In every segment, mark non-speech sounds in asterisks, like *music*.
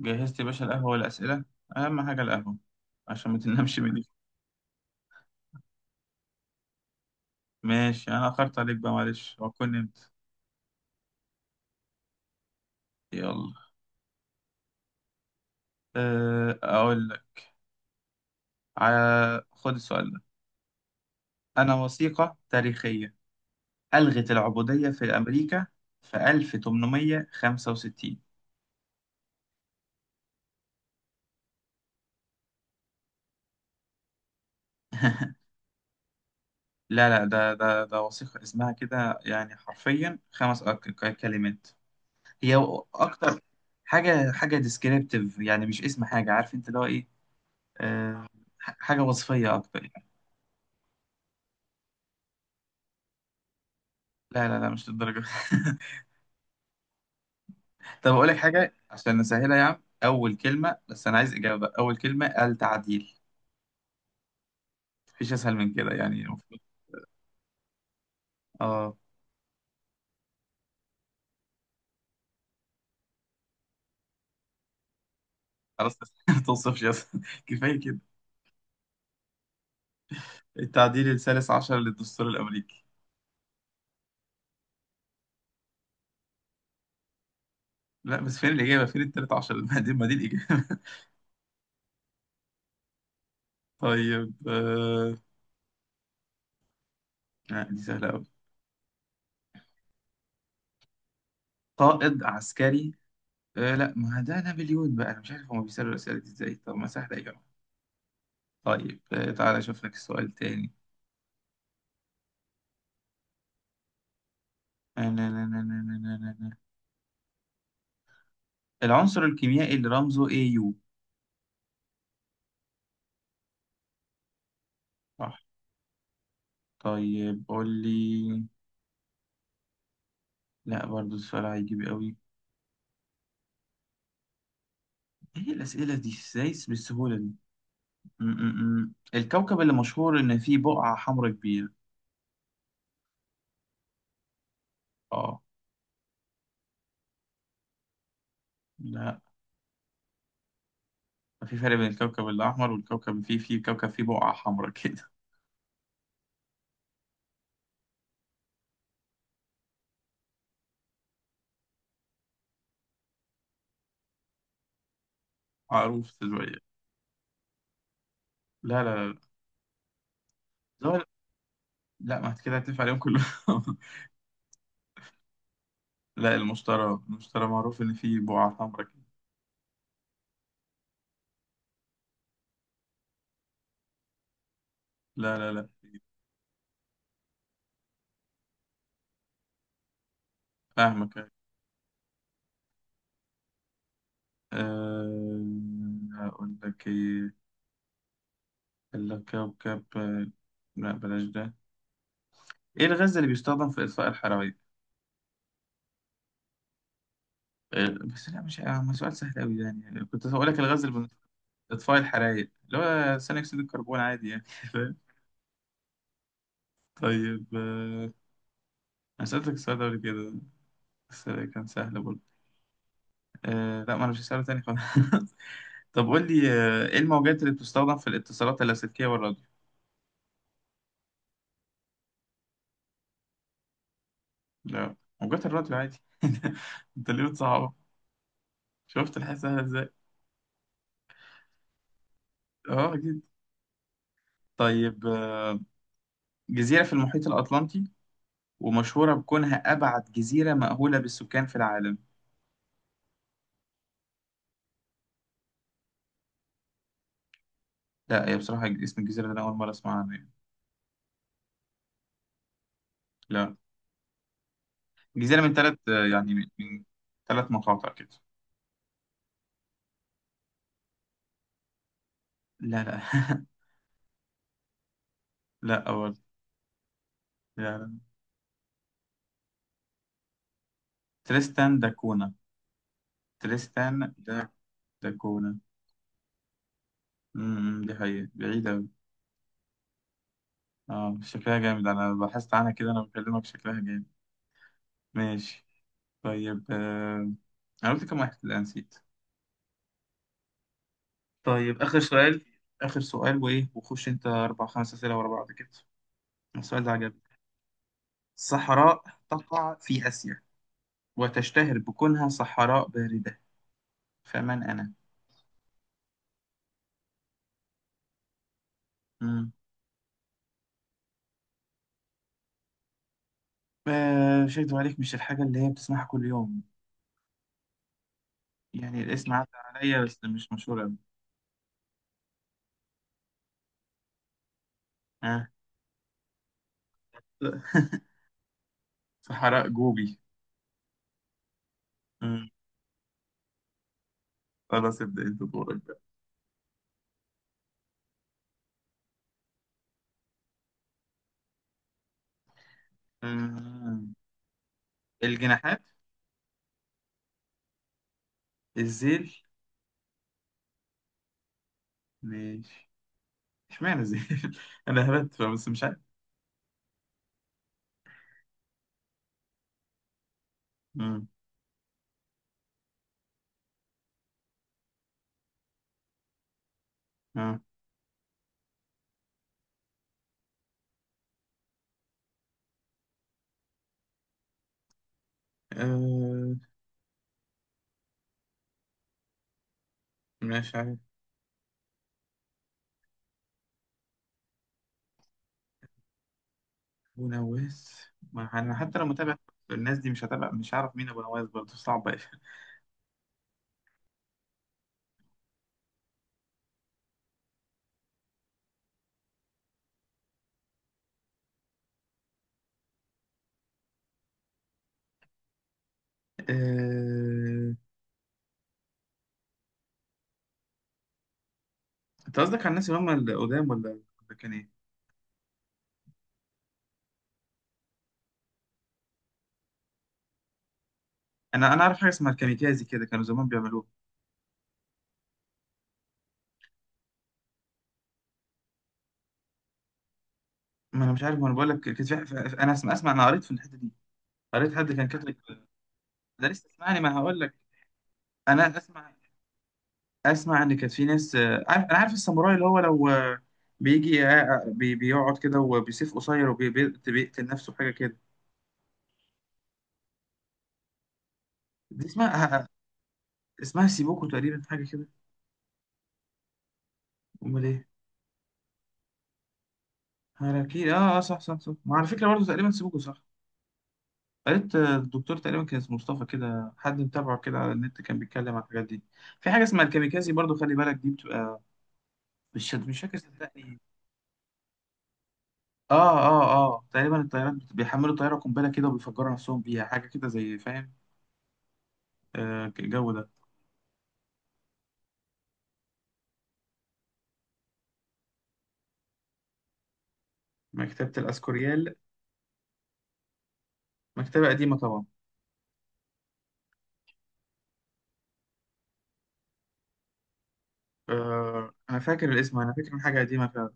جهزت يا باشا القهوة والأسئلة. أهم حاجة القهوة، عشان ما تنامش بالليل. ماشي، أنا أخرت عليك بقى معلش، وأكون نمت. يلا. أقول لك. خد السؤال ده: أنا وثيقة تاريخية ألغت العبودية في أمريكا في 1865. *laughs* لا، لا، ده وثيقة اسمها كده يعني حرفيا خمس كلمات. هي أكتر. حاجة حاجة ديسكريبتيف يعني، مش اسم حاجة، عارف أنت اللي هو إيه. أه، حاجة وصفية أكتر. لا، لا، لا، مش للدرجة. *laughs* طب أقول لك حاجة عشان نسهلها يا عم: أول كلمة بس، أنا عايز إجابة، أول كلمة، التعديل. مفيش أسهل من كده يعني المفروض. آه. خلاص. *laughs* ما توصفش، أسهل كفاية كده. التعديل الثالث عشر للدستور الأمريكي. لا بس فين الإجابة، فين التالت عشر؟ *laughs* ما دي الإجابة. *laughs* طيب لا دي سهلة أوي. قائد عسكري. آه لا، ما ده نابليون بقى. أنا مش عارف هما بيسألوا الأسئلة دي إزاي، طب ما سهلة يا جماعة. طيب تعالى أشوف لك سؤال تاني. *laughs* العنصر الكيميائي اللي رمزه AU. صح. طيب قول لي، لا برضو السؤال هيجيب قوي. ايه الأسئلة دي ازاي بالسهولة دي؟ م -م -م. الكوكب اللي مشهور ان فيه بقعة حمراء كبيرة. اه لا، في فرق بين الكوكب الأحمر والكوكب اللي فيه كوكب فيه بقعة حمراء كده. *laughs* معروف شوية. لا لا، لا، لا. لا ما كده هتلف عليهم كلهم. *laughs* لا، المشتري. المشتري معروف ان فيه بقعة حمراء كده. لا، لا، لا. فاهمك. أه... أقول لك إيه. الكوكب لا بلاش ده. ايه الغاز اللي بيستخدم في اطفاء الحرايق؟ بس لا مش ما سؤال سهل قوي يعني، كنت هقول لك الغاز اللي اطفاء الحرايق، اللي هو ثاني اكسيد الكربون، عادي يعني. *laughs* فاهم؟ طيب انا سألتك السؤال ده قبل كده، بس كان سهل برضه. لا ما انا مش هسأله تاني خالص. *laughs* طب قول لي ايه الموجات اللي بتستخدم في الاتصالات اللاسلكية والراديو؟ لا، موجات الراديو عادي. *laughs* انت ليه بتصعبها؟ شفت الحياة سهلة ازاي؟ اه اكيد. طيب جزيرة في المحيط الأطلنطي ومشهورة بكونها أبعد جزيرة مأهولة بالسكان في العالم. لا، هي بصراحة اسم الجزيرة ده أنا أول مرة أسمع عنه يعني. لا، جزيرة من ثلاث، يعني من 3 مقاطع كده. لا، لا. *laughs* لا، أول. لا، لا. تريستان داكونا. تريستان دا داكونا. دي حقيقة بعيدة أوي. اه شكلها جامد، أنا بحثت عنها كده، أنا بكلمك شكلها جامد. ماشي. طيب أنا قلت كم واحد؟ لا نسيت. طيب آخر سؤال، آخر سؤال وإيه، وخش أنت أربع خمس أسئلة ورا بعض كده. السؤال ده عجبني. الصحراء تقع في آسيا وتشتهر بكونها صحراء باردة، فمن أنا؟ مم. آه مش هكدب عليك، مش الحاجة اللي هي بتسمعها كل يوم. يعني الاسم عدى عليا بس مش مشهور أوي. آه. *laughs* صحراء جوبي. مم. خلاص، ابدأ أنت دورك بقى. مم. الجناحات. الذيل. ماشي. اشمعنى الذيل؟ *laughs* أنا هبت بس مش عارف. مم. آه. أه مش عارف. أبو نواس. ما أنا حتى لو متابع الناس دي مش هتابع، مش هعرف مين أبو نواس، برضه صعبة أوي. أه. أنت قصدك على الناس اللي هم القدام، ولا كان إيه؟ أنا أعرف حاجة اسمها الكاميكازي كده، كانوا زمان بيعملوها. ما أنا مش عارف، ما أنا بقول لك كان في أنا أسمع، أنا قريت في الحتة دي، قريت حد كان كاتب. ده لسه اسمعني ما هقول لك. أنا أسمع. أسمع إن كانت في ناس، عارف، أنا عارف الساموراي، اللي هو لو بيجي بيقعد كده وبيسيف قصير وبيقتل نفسه، حاجة كده. دي اسمها اسمها سيبوكو تقريبا، حاجة كده. أمال إيه؟ هاراكيري. صح، صح، صح. ما على فكرة برضه تقريبا سيبوكو صح. قريت الدكتور تقريبا كان اسمه مصطفى كده، حد متابعه كده على النت، كان بيتكلم عن الحاجات دي. في حاجة اسمها الكاميكازي برضه، خلي بالك دي بتبقى... مش فاكر صدقني. تقريبا الطيارات بيحملوا طيارة قنبلة كده وبيفجروا نفسهم بيها، حاجة كده زي، فاهم؟ آه الجو ده. مكتبة الأسكوريال. مكتبة قديمة طبعا. آه أنا فاكر الاسم، أنا فاكر إن حاجة قديمة.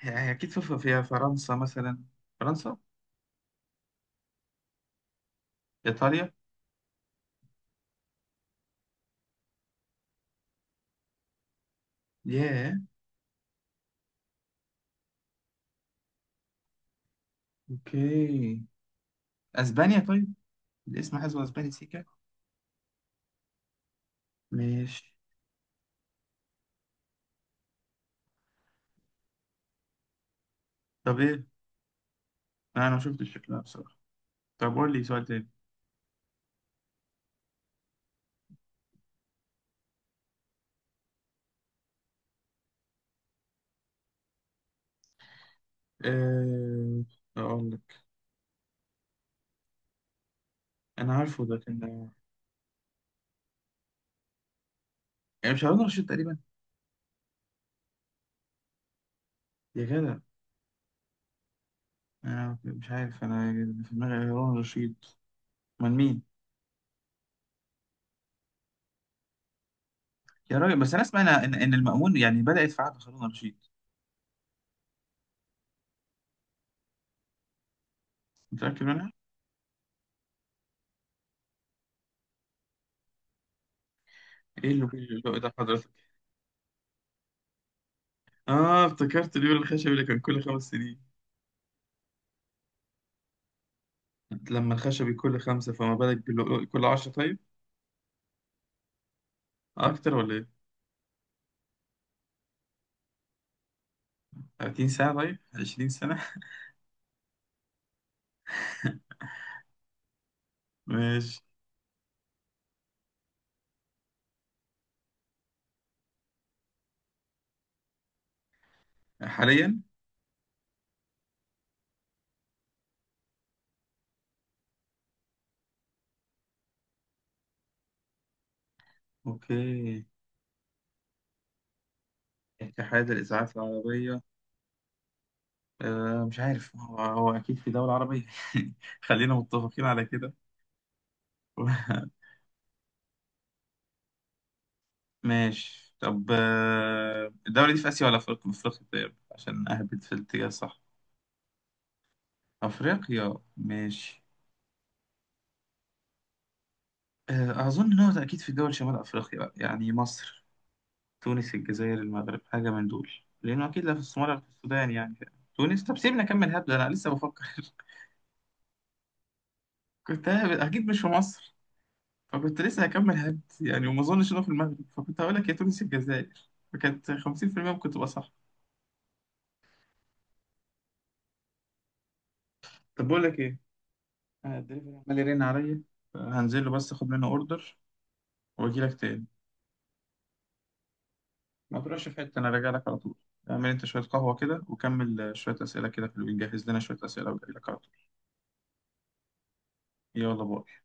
هي هي أكيد في فيها فرنسا مثلا. فرنسا. إيطاليا. ياه. أوكي، أسبانيا طيب. الاسم حاسبه أسباني سيكا. ماشي. طب إيه، أنا ما شفتش شكلها بصراحة. طب قول لي سؤال تاني. أه... أقول لك، أنا عارفه ده كان، يعني مش هارون رشيد تقريبا؟ يا جدع. أنا مش عارف أنا، في دماغي هارون رشيد. من مين؟ يا راجل، بس أنا أسمع إن المأمون يعني بدأت في عهد هارون رشيد. متأكد منها؟ إيه اللي ده حضرتك؟ آه افتكرت اليوم الخشب اللي كان كل 5 سنين. لما الخشبي كل خمسة، فما بالك كل عشرة طيب، أكتر ولا إيه؟ 30 ساعة، طيب 20 سنة. *laughs* ماشي. حاليا. أوكي. اتحاد الإذاعات العربية. أه مش عارف، هو أكيد في دولة عربية. *laughs* خلينا متفقين على كده. *laughs* ماشي. طب الدولة دي في آسيا ولا في أفريقيا؟ في أفريقيا طيب، عشان أهبط في الاتجاه الصح. أفريقيا ماشي. أظن إن هو أكيد في دول شمال أفريقيا بقى، يعني مصر، تونس، الجزائر، المغرب، حاجة من دول. لأنه أكيد لا في الصومال ولا في السودان يعني. تونس طب سيبني أكمل، هبد أنا لسه بفكر. *laughs* كنت هبد، أكيد مش في مصر. فكنت لسه هكمل هبد يعني، وما أظنش إنه في المغرب، فكنت هقول لك يا تونس الجزائر، فكانت 50% ممكن تبقى صح. طب بقول لك إيه، أنا الدليفري عمال يرن عليا. هنزل له بس أخد منه أوردر، وأجي لك تاني. ما تروحش في حتة، أنا راجع لك على طول. اعمل أنت شوية قهوة كده وكمل شوية أسئلة كده في الويب، جهز لنا شوية أسئلة، وجاي لك على طول. يلا، باي.